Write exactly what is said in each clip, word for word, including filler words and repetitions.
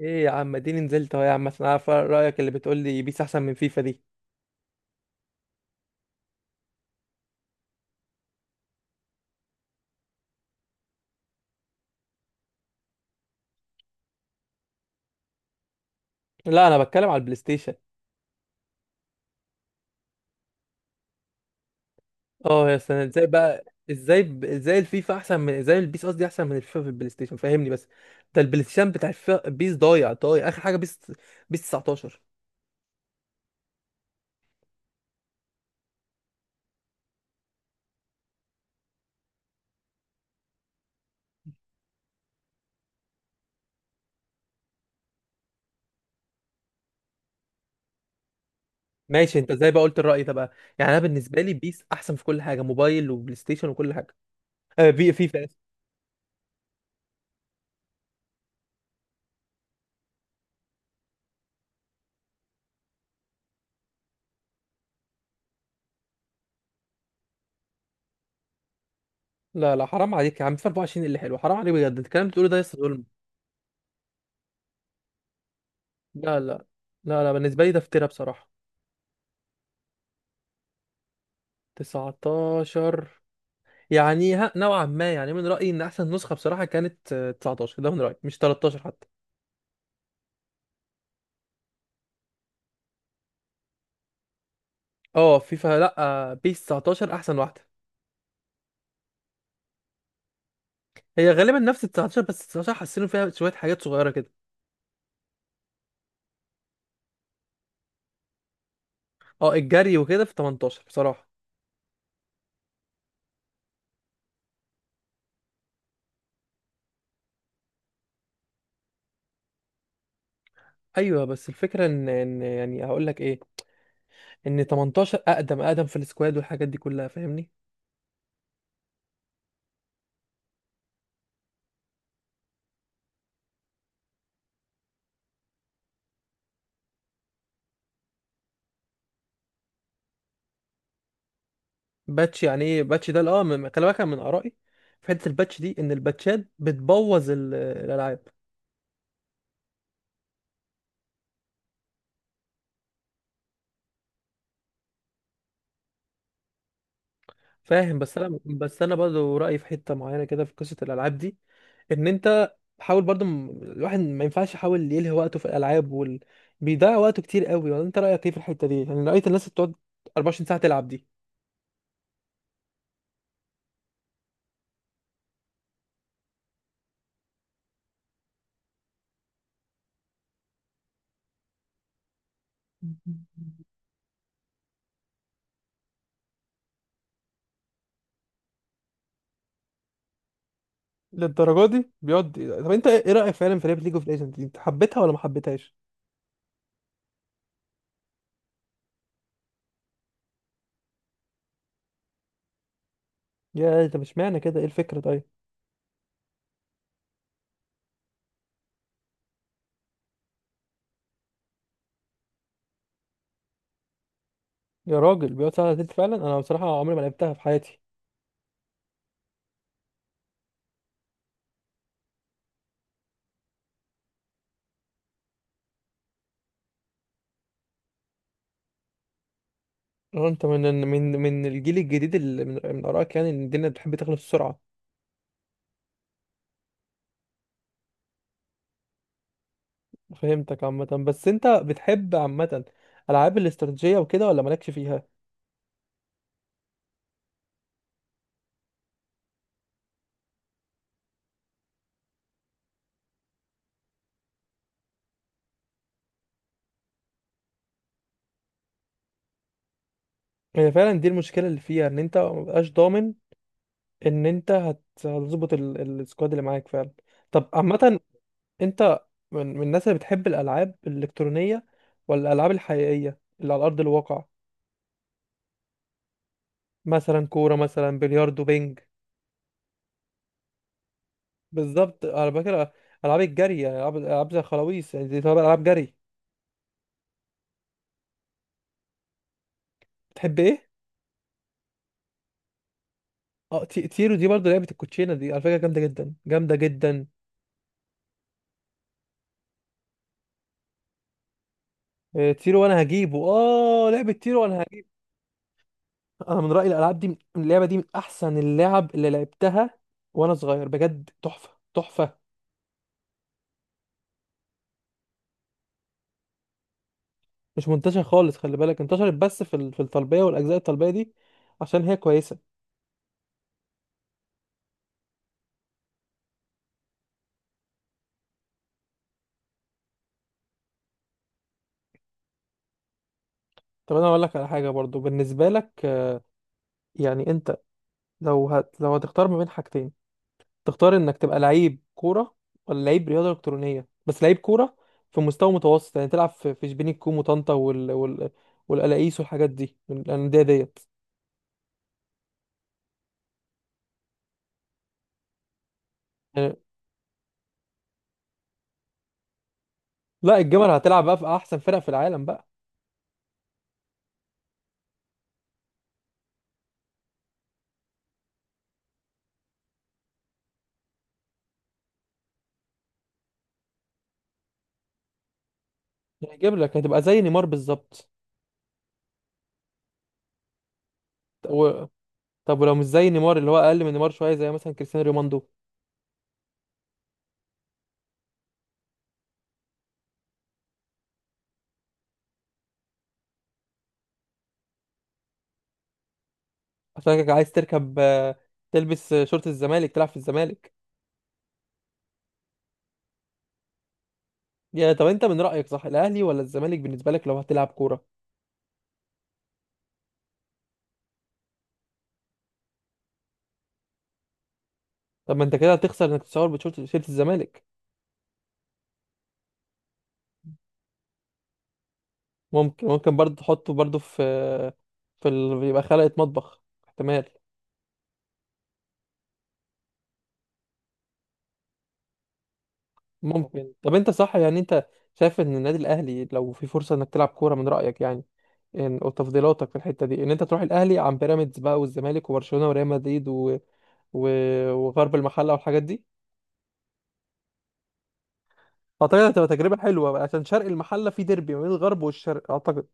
ايه يا عم، اديني نزلت اهو يا عم عشان اعرف رايك اللي بتقول لي، بيس احسن من فيفا دي؟ لا، انا بتكلم على البلاي ستيشن. اه يا سنة، ازاي بقى؟ ازاي ب- ازاي الفيفا احسن من ازاي البيس قصدي احسن من الفيفا في البلاي ستيشن؟ فهمني بس. ده البلاي ستيشن بتاع الفيفا بيس ضايع ضايع اخر حاجه بيس. بيس تسعتاشر. ماشي، انت ازاي بقى قلت الراي ده بقى؟ يعني انا بالنسبه لي بيس احسن في كل حاجه، موبايل وبلاي ستيشن وكل حاجه. آه، بي فيفا آسف. لا لا، حرام عليك يا عم، فيفا اربعه وعشرين اللي حلو؟ حرام عليك بجد، الكلام اللي بتقوله ده يا اسطى ظلم. لا لا. لا لا، بالنسبه لي ده افتراء بصراحه. تسعتاشر؟ يعني ها، نوعا ما، يعني من رأيي ان احسن نسخة بصراحة كانت آه، تسعتاشر، ده من رأيي، مش تلتاشر حتى. اه، فيفا لا. آه، بيس تسعة عشر احسن واحدة. هي غالبا نفس ال تسعتاشر، بس تسعتاشر حسنوا فيها شوية حاجات صغيرة كده. اه، الجري وكده في تمنتاشر بصراحة. ايوه، بس الفكرة ان ان يعني، هقول لك ايه؟ ان تمنتاشر اقدم اقدم في السكواد والحاجات دي كلها، فاهمني. باتش؟ يعني ايه باتش ده؟ اه من- خلي بالك أنا من آرائي في حتة الباتش دي ان الباتشات بتبوظ ال- الالعاب. فاهم، بس انا بس انا برضه رايي في حته معينه كده في قصه الالعاب دي، ان انت حاول برضه م- الواحد ما ينفعش يحاول يلهي وقته في الالعاب وال... بيضيع وقته كتير قوي. ولا انت رايك ايه في الحته دي؟ يعني رايت الناس اللي بتقعد اربع وعشرين ساعه تلعب دي؟ للدرجه دي بيقعد؟ طب انت ايه رايك فعلا في لعبه ليج اوف ليجندز دي؟ انت حبيتها ولا ما حبيتهاش؟ يا طب اشمعنى كده؟ ايه الفكره طيب؟ يا راجل، بيقعد ساعه تلت فعلا؟ انا بصراحه عمري ما لعبتها في حياتي. اه، انت من من من الجيل الجديد اللي من, من ارائك يعني ان الدنيا بتحب تخلص بسرعه. فهمتك عامة. بس انت بتحب عامة العاب الاستراتيجية وكده ولا مالكش فيها؟ هي فعلا دي المشكلة اللي فيها، ان انت مبقاش ضامن ان انت هت- هتظبط ال- ال- السكواد اللي معاك فعلا. طب عامة انت من, من الناس اللي بتحب الالعاب الالكترونية ولا الالعاب الحقيقية اللي على ارض الواقع؟ مثلا كورة، مثلا بلياردو، بينج. بالظبط، على فكرة العاب الجري، يعني العاب العاب زي الخلاويص، يعني دي طبعا العاب جري. بتحب ايه؟ اه، تي- تيرو دي برضه لعبة الكوتشينة دي، على فكرة جامدة جدا جامدة جدا. آه، تيرو، وانا هجيبه، اه لعبة تيرو وانا هجيبه. انا من رأيي الالعاب دي، من اللعبة دي، من احسن اللعب اللي لعبتها وانا صغير، بجد تحفة. تحفة. مش منتشر خالص، خلي بالك. انتشرت بس في ال- في الطلبية والاجزاء، الطلبية دي عشان هي كويسة. طب انا اقول لك على حاجة برضو بالنسبة لك، آه، يعني انت لو هت... لو هتختار ما بين حاجتين، تختار انك تبقى لعيب كورة ولا لعيب رياضة الكترونية؟ بس لعيب كورة في مستوى متوسط، يعني تلعب في في شبين الكوم وطنطا وال... وال... والقلاقيس والحاجات دي، الأندية ديت. يعني لا، الجمل هتلعب بقى في احسن فرق في العالم بقى. هيجيب لك، هتبقى زي نيمار بالظبط. و... طب ولو مش زي نيمار، اللي هو اقل من نيمار شويه، زي مثلا كريستيانو رونالدو؟ عشان عايز تركب آه، تلبس آه، شورت الزمالك، تلعب في الزمالك. يا طب انت من رايك، صح، الاهلي ولا الزمالك بالنسبه لك لو هتلعب كوره؟ طب ما انت كده هتخسر انك تصور بشورت شورت الزمالك. ممكن ممكن برضه تحطه برضه في في ال... يبقى خلقة مطبخ. احتمال. ممكن. طب انت صح يعني انت شايف ان النادي الاهلي، لو في فرصه انك تلعب كوره، من رايك يعني إن- وتفضيلاتك في الحته دي ان انت تروح الاهلي عن بيراميدز بقى والزمالك وبرشلونه وريال مدريد و... و... وغرب المحله والحاجات دي؟ اعتقد هتبقى تجربه حلوه بقى، عشان شرق المحله في ديربي ما بين الغرب والشرق، اعتقد.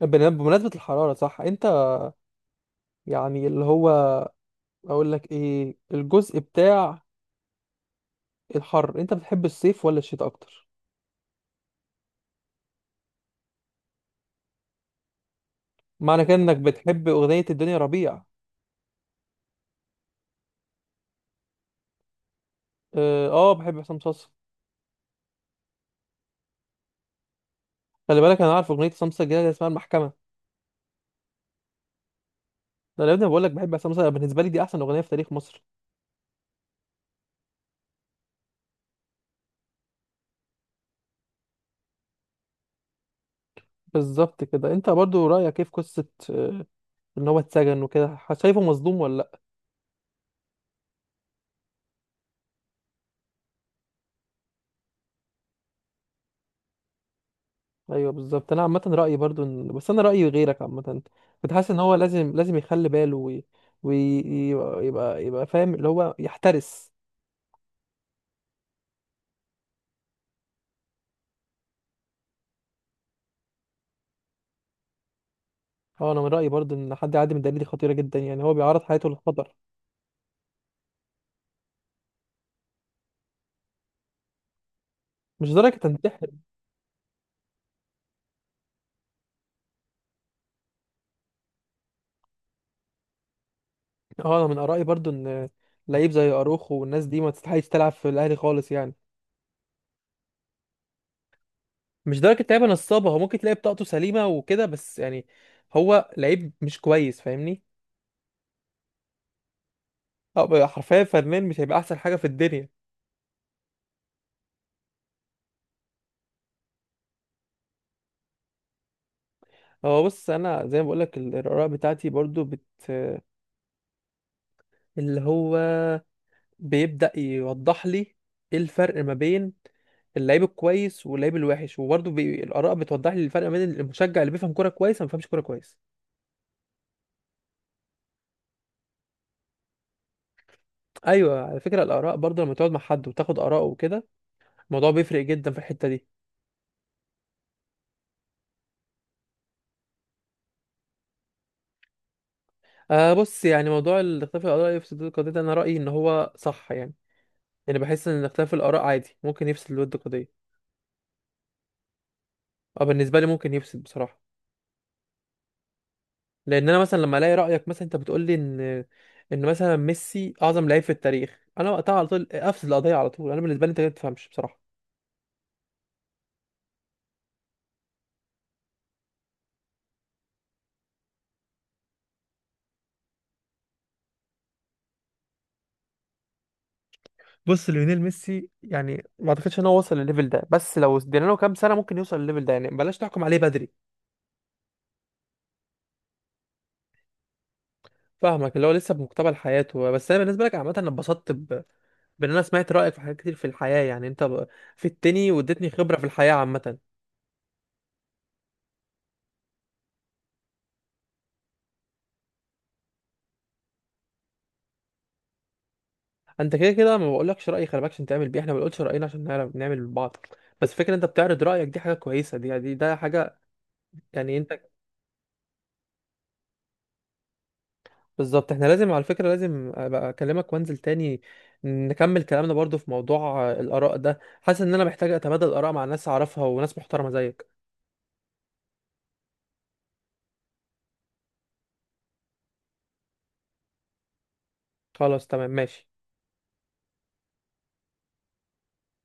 بن- بمناسبه الحراره، صح، انت يعني اللي هو، اقول لك ايه، الجزء بتاع الحر، انت بتحب الصيف ولا الشتاء اكتر؟ معنى كده انك بتحب اغنيه الدنيا ربيع؟ اه آه، بحب عصام صاصا. خلي بالك انا عارف اغنيه عصام صاصا الجديده اللي اسمها المحكمه. ده انا يا ابني بقول لك بحب عصام صاصا، بالنسبه لي دي احسن اغنيه في تاريخ مصر. بالظبط كده. انت برضو رأيك ايه في قصة آه، ان هو اتسجن وكده؟ ح- شايفه مظلوم ولا لا؟ ايوه بالظبط، انا عامة رأيي برضو ان... بس انا رأيي غيرك عامة. كنت حاسس ان هو لازم لازم يخلي باله ويبقى وي... وي- يبقى يبقى فاهم، اللي هو يحترس. اه، انا من رأيي برضو ان حد يعدي من الدليل دي خطيرة جدا، يعني هو بيعرض حياته للخطر. مش درجة تنتحر. اه، انا من آرائي برضو ان لعيب زي اروخو والناس دي ما تستحقش تلعب في الاهلي خالص، يعني مش درجة لعيبة نصابة، هو ممكن تلاقي بطاقته سليمة وكده، بس يعني هو لعيب مش كويس، فاهمني. أه، حرفيا فنان مش هيبقى أحسن حاجة في الدنيا. هو بص، أنا زي ما بقولك ال- الآراء بتاعتي برضو بت اللي هو بيبدأ يوضح لي إيه الفرق ما بين اللعيب الكويس واللعيب الوحش، وبرضه بي... الآراء بتوضح لي الفرق ما بين المشجع اللي بيفهم كورة كويس وما بيفهمش كورة كويس. أيوه، على فكرة الآراء برضه لما تقعد مع حد وتاخد آراءه وكده، الموضوع بيفرق جدا في الحتة دي. آه بص، يعني موضوع الاختلاف الآراء يفسد الود قضية ده، أنا رأيي إن هو صح يعني. يعني بحس إن اختلاف الآراء عادي ممكن يفسد الود قضية. أه، بالنسبة لي ممكن يفسد بصراحة. لأن أنا مثلا لما ألاقي رأيك مثلا، أنت بتقول لي إن إن مثلا ميسي أعظم لعيب في التاريخ، أنا وقتها على طول أفسد القضية على طول. أنا بالنسبة لي أنت ما تفهمش بصراحة. بص، ليونيل ميسي يعني ما أعتقدش إن هو وصل للليفل ده، بس لو ادينا له كام سنة ممكن يوصل للليفل ده، يعني بلاش تحكم عليه بدري. فاهمك، اللي هو لسه بمقتبل حياته. بس انا بالنسبه لك عامه انا اتبسطت ب... بان انا سمعت رايك في حاجات كتير في الحياه، يعني انت ب... في التاني واديتني خبره في الحياه عامه. انت كده كده ما بقولكش رايي خلي بالك عشان تعمل بيه، احنا ما بنقولش راينا عشان نعرف نعمل لبعض، بس فكره انت بتعرض رايك دي حاجه كويسه، دي دي ده حاجه، يعني انت. بالظبط، احنا لازم، على فكره، لازم ابقى اكلمك وانزل تاني، نكمل كلامنا برضو في موضوع آه، الاراء ده، حاسس ان انا محتاج اتبادل اراء مع ناس اعرفها وناس محترمه زيك. خلاص، تمام، ماشي.